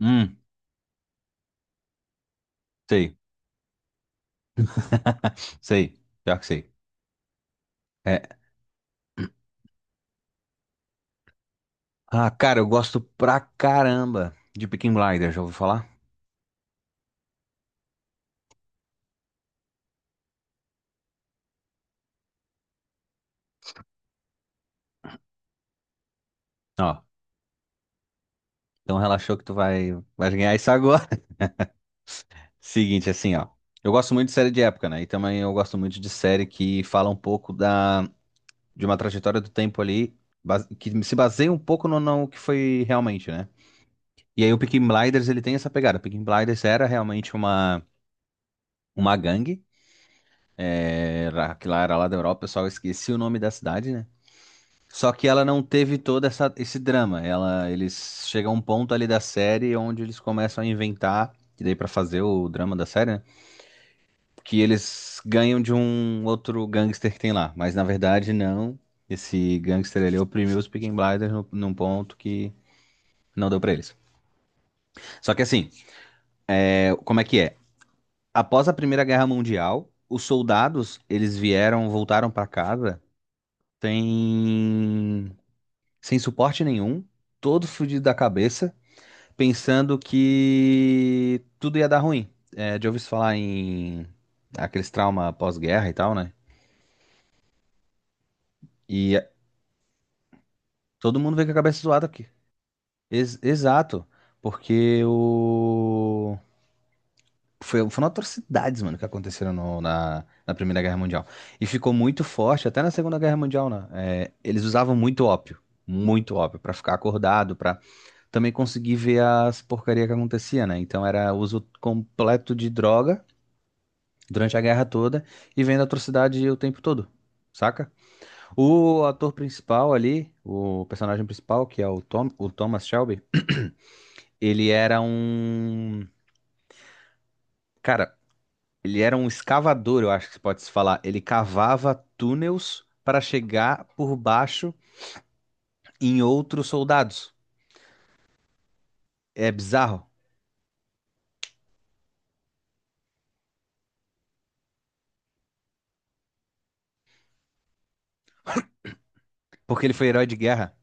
Hum, sei. Sei. Pior que sei. É. Ah, cara, eu gosto pra caramba de Peaky Blinders, já ouviu falar? Ó, então relaxou que tu vai ganhar isso agora. Seguinte, assim, ó. Eu gosto muito de série de época, né? E também eu gosto muito de série que fala um pouco de uma trajetória do tempo ali, que se baseia um pouco no que foi realmente, né? E aí o Peaky Blinders, ele tem essa pegada. O Peaky Blinders era realmente uma gangue, que lá era lá da Europa, o pessoal esquecia o nome da cidade, né? Só que ela não teve todo essa, esse drama. Eles chegam a um ponto ali da série onde eles começam a inventar, e daí pra fazer o drama da série, né? Que eles ganham de um outro gangster que tem lá. Mas na verdade, não. Esse gangster ele oprimiu os Peaky Blinders num ponto que não deu pra eles. Só que assim, como é que é? Após a Primeira Guerra Mundial, os soldados, eles vieram, voltaram pra casa sem, sem suporte nenhum, todo fudido da cabeça pensando que tudo ia dar ruim. É, já ouvi se falar em aqueles trauma pós-guerra e tal, né? E é, todo mundo veio com a cabeça zoada aqui. Exato, porque foram atrocidades, mano, que aconteceram na Primeira Guerra Mundial. E ficou muito forte, até na Segunda Guerra Mundial, né? É, eles usavam muito ópio, pra ficar acordado, pra também conseguir ver as porcaria que acontecia, né? Então era uso completo de droga durante a guerra toda e vendo atrocidade o tempo todo, saca? O ator principal ali, o personagem principal, que é o Tom, o Thomas Shelby, ele era um, cara, ele era um escavador, eu acho que pode se falar. Ele cavava túneis para chegar por baixo em outros soldados. É bizarro, porque ele foi herói de guerra.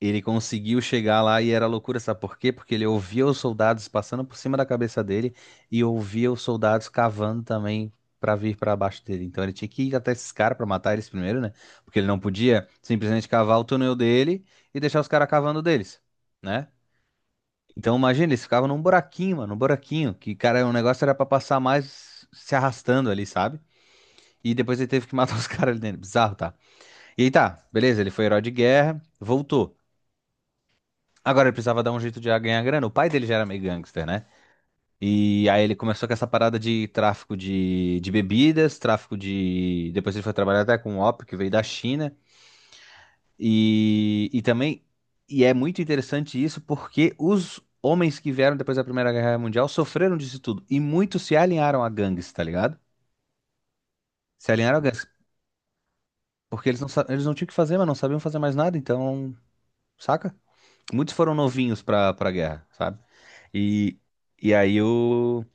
Ele conseguiu chegar lá e era loucura, sabe por quê? Porque ele ouvia os soldados passando por cima da cabeça dele e ouvia os soldados cavando também pra vir pra baixo dele. Então ele tinha que ir até esses caras pra matar eles primeiro, né? Porque ele não podia simplesmente cavar o túnel dele e deixar os caras cavando deles, né? Então imagina, eles ficavam num buraquinho, mano, num buraquinho, que cara, o negócio era pra passar mais se arrastando ali, sabe? E depois ele teve que matar os caras ali dentro. Bizarro, tá? E aí tá, beleza, ele foi herói de guerra, voltou. Agora ele precisava dar um jeito de ganhar grana. O pai dele já era meio gangster, né? E aí ele começou com essa parada de tráfico de bebidas, tráfico de. Depois ele foi trabalhar até com o ópio, que veio da China. E também. E é muito interessante isso porque os homens que vieram depois da Primeira Guerra Mundial sofreram disso tudo. E muitos se alinharam a gangues, tá ligado? Se alinharam a gangues. Porque eles não tinham o que fazer, mas não sabiam fazer mais nada, então. Saca? Muitos foram novinhos pra guerra, sabe? E, e aí o.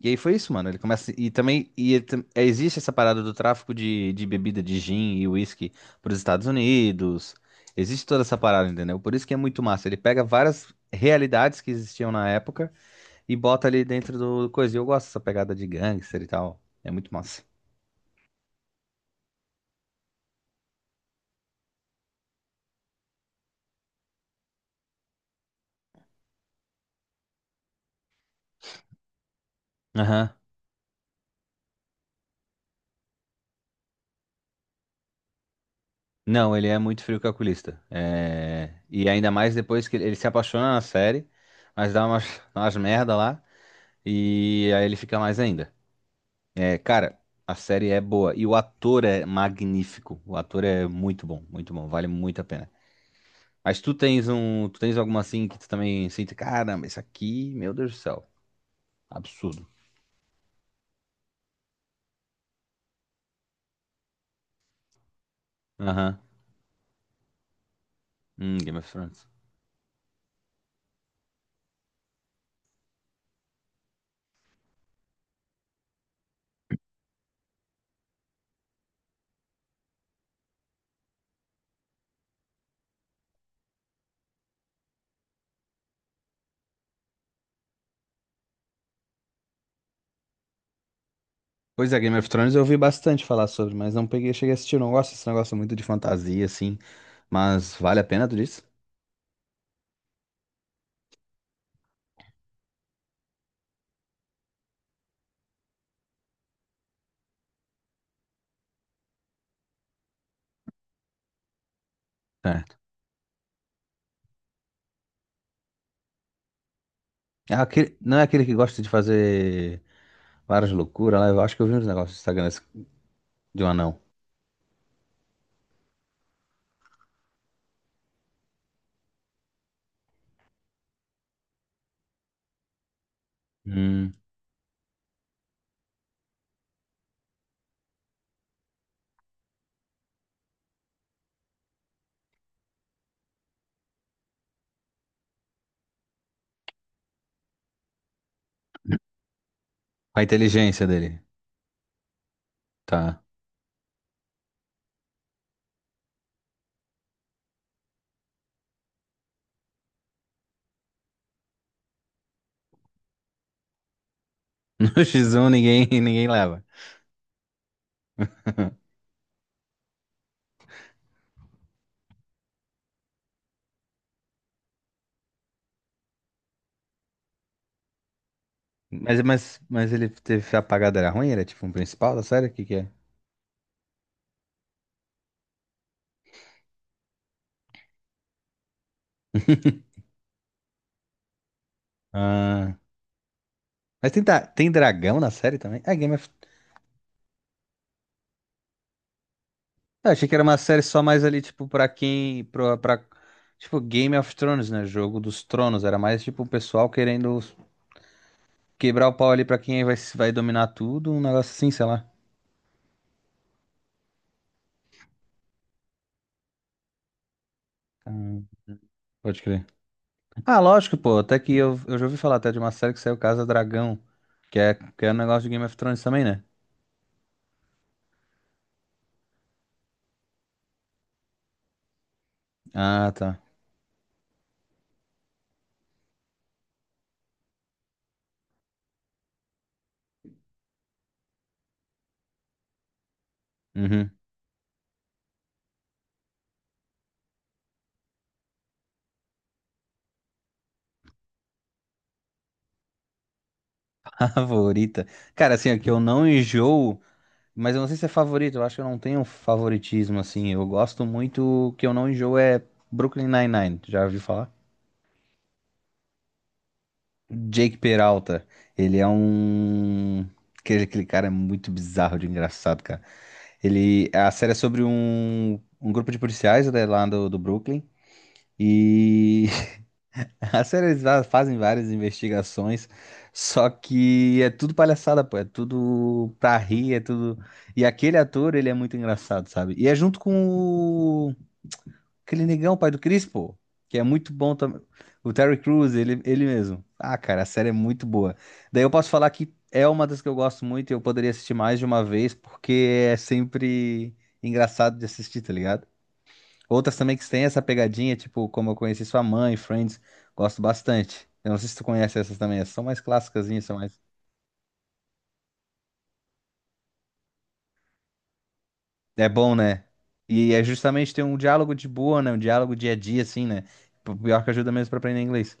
E aí foi isso, mano. Ele começa. E também. Existe essa parada do tráfico de bebida de gin e whisky para os Estados Unidos. Existe toda essa parada, entendeu? Por isso que é muito massa. Ele pega várias realidades que existiam na época e bota ali dentro do coisa. E eu gosto dessa pegada de gangster e tal. É muito massa. Aham. Não, ele é muito frio calculista. É. E ainda mais depois que ele se apaixona na série, mas dá umas, umas merda lá. E aí ele fica mais ainda. É, cara, a série é boa e o ator é magnífico. O ator é muito bom, vale muito a pena. Mas tu tens alguma assim que tu também sente, caramba, isso aqui, meu Deus do céu, absurdo. Aham. Game of Thrones. Pois é, Game of Thrones eu ouvi bastante falar sobre, mas não peguei, cheguei a assistir, eu não gosto desse negócio muito de fantasia assim, mas vale a pena tu disse? Certo. É aquele, não é aquele que gosta de fazer várias loucuras lá, eu acho que eu vi uns negócios no Instagram de um anão. Hum. A inteligência dele. Tá. No X1 ninguém, ninguém leva. Mas ele teve apagado, era ruim? Era tipo um principal da série? O que que é? Ah, mas tem dragão na série também? Ah, Game of. Eu achei que era uma série só mais ali, tipo, pra quem. Tipo, Game of Thrones, né? Jogo dos Tronos. Era mais, tipo, o pessoal querendo quebrar o pau ali pra quem vai dominar tudo. Um negócio assim, sei lá. Ah, pode crer. Ah, lógico, pô. Até que eu já ouvi falar até de uma série que saiu Casa Dragão. Que é um negócio de Game of Thrones também, né? Ah, tá. Uhum. Favorita. Cara, assim, é que eu não enjoo, mas eu não sei se é favorito, eu acho que eu não tenho favoritismo, assim. Eu gosto muito, que eu não enjoo é Brooklyn Nine-Nine, já ouviu falar? Jake Peralta, ele é um. Aquele cara é muito bizarro de engraçado, cara. Ele. A série é sobre um grupo de policiais né, lá do Brooklyn, e a série eles fazem várias investigações, só que é tudo palhaçada, pô, é tudo pra rir, é tudo. E aquele ator, ele é muito engraçado, sabe? E é junto com o... aquele negão, pai do Chris, pô, que é muito bom também. O Terry Crews, ele mesmo. Ah, cara, a série é muito boa. Daí eu posso falar que é uma das que eu gosto muito e eu poderia assistir mais de uma vez, porque é sempre engraçado de assistir, tá ligado? Outras também que têm essa pegadinha, tipo Como Eu Conheci Sua Mãe, Friends, gosto bastante. Eu não sei se tu conhece essas também, essas são mais clássicas, são mais. É bom, né? E é justamente ter um diálogo de boa, né? Um diálogo dia a dia, assim, né? Pior que ajuda mesmo pra aprender inglês.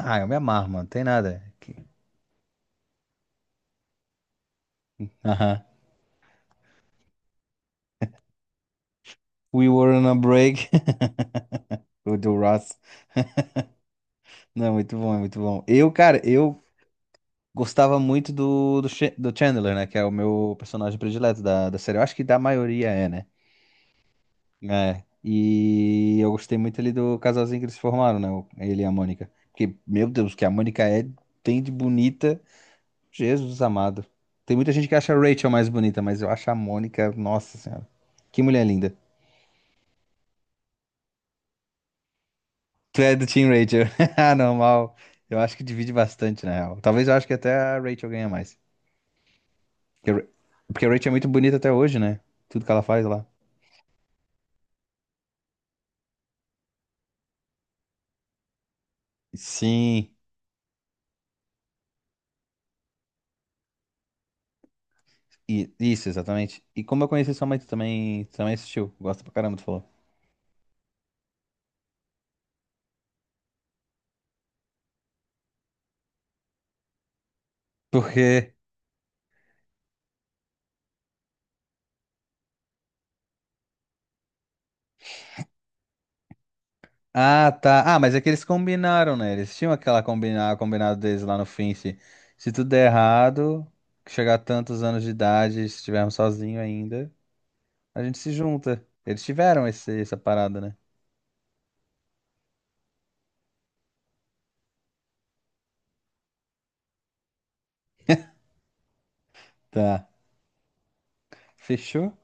Ah, eu me amarro, mano, não tem nada. Aham. We were on a break, o do Ross. Não, muito bom, é muito bom. Eu, cara, eu gostava muito do Chandler, né? Que é o meu personagem predileto da série. Eu acho que da maioria é, né? É, e eu gostei muito ali do casalzinho que eles formaram, né? Ele e a Mônica. Porque, meu Deus, o que a Mônica é, tem de bonita, Jesus amado. Tem muita gente que acha a Rachel mais bonita, mas eu acho a Mônica, nossa senhora. Que mulher linda. Tu é do Team Rachel. Ah, normal. Eu acho que divide bastante, na real. Talvez eu acho que até a Rachel ganha mais. Porque, a Ra- porque a Rachel é muito bonita até hoje, né? Tudo que ela faz lá. Sim, isso, exatamente. E como eu conheci sua mãe, tu também, assistiu. Gosta pra caramba, tu falou. Porque Ah, tá. Ah, mas é que eles combinaram, né? Eles tinham aquela combinado deles lá no fim. Se tudo der errado, que chegar a tantos anos de idade, se estivermos sozinhos ainda, a gente se junta. Eles tiveram essa parada, né? Tá. Fechou?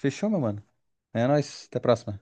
Fechou, meu mano. É nóis. Até a próxima.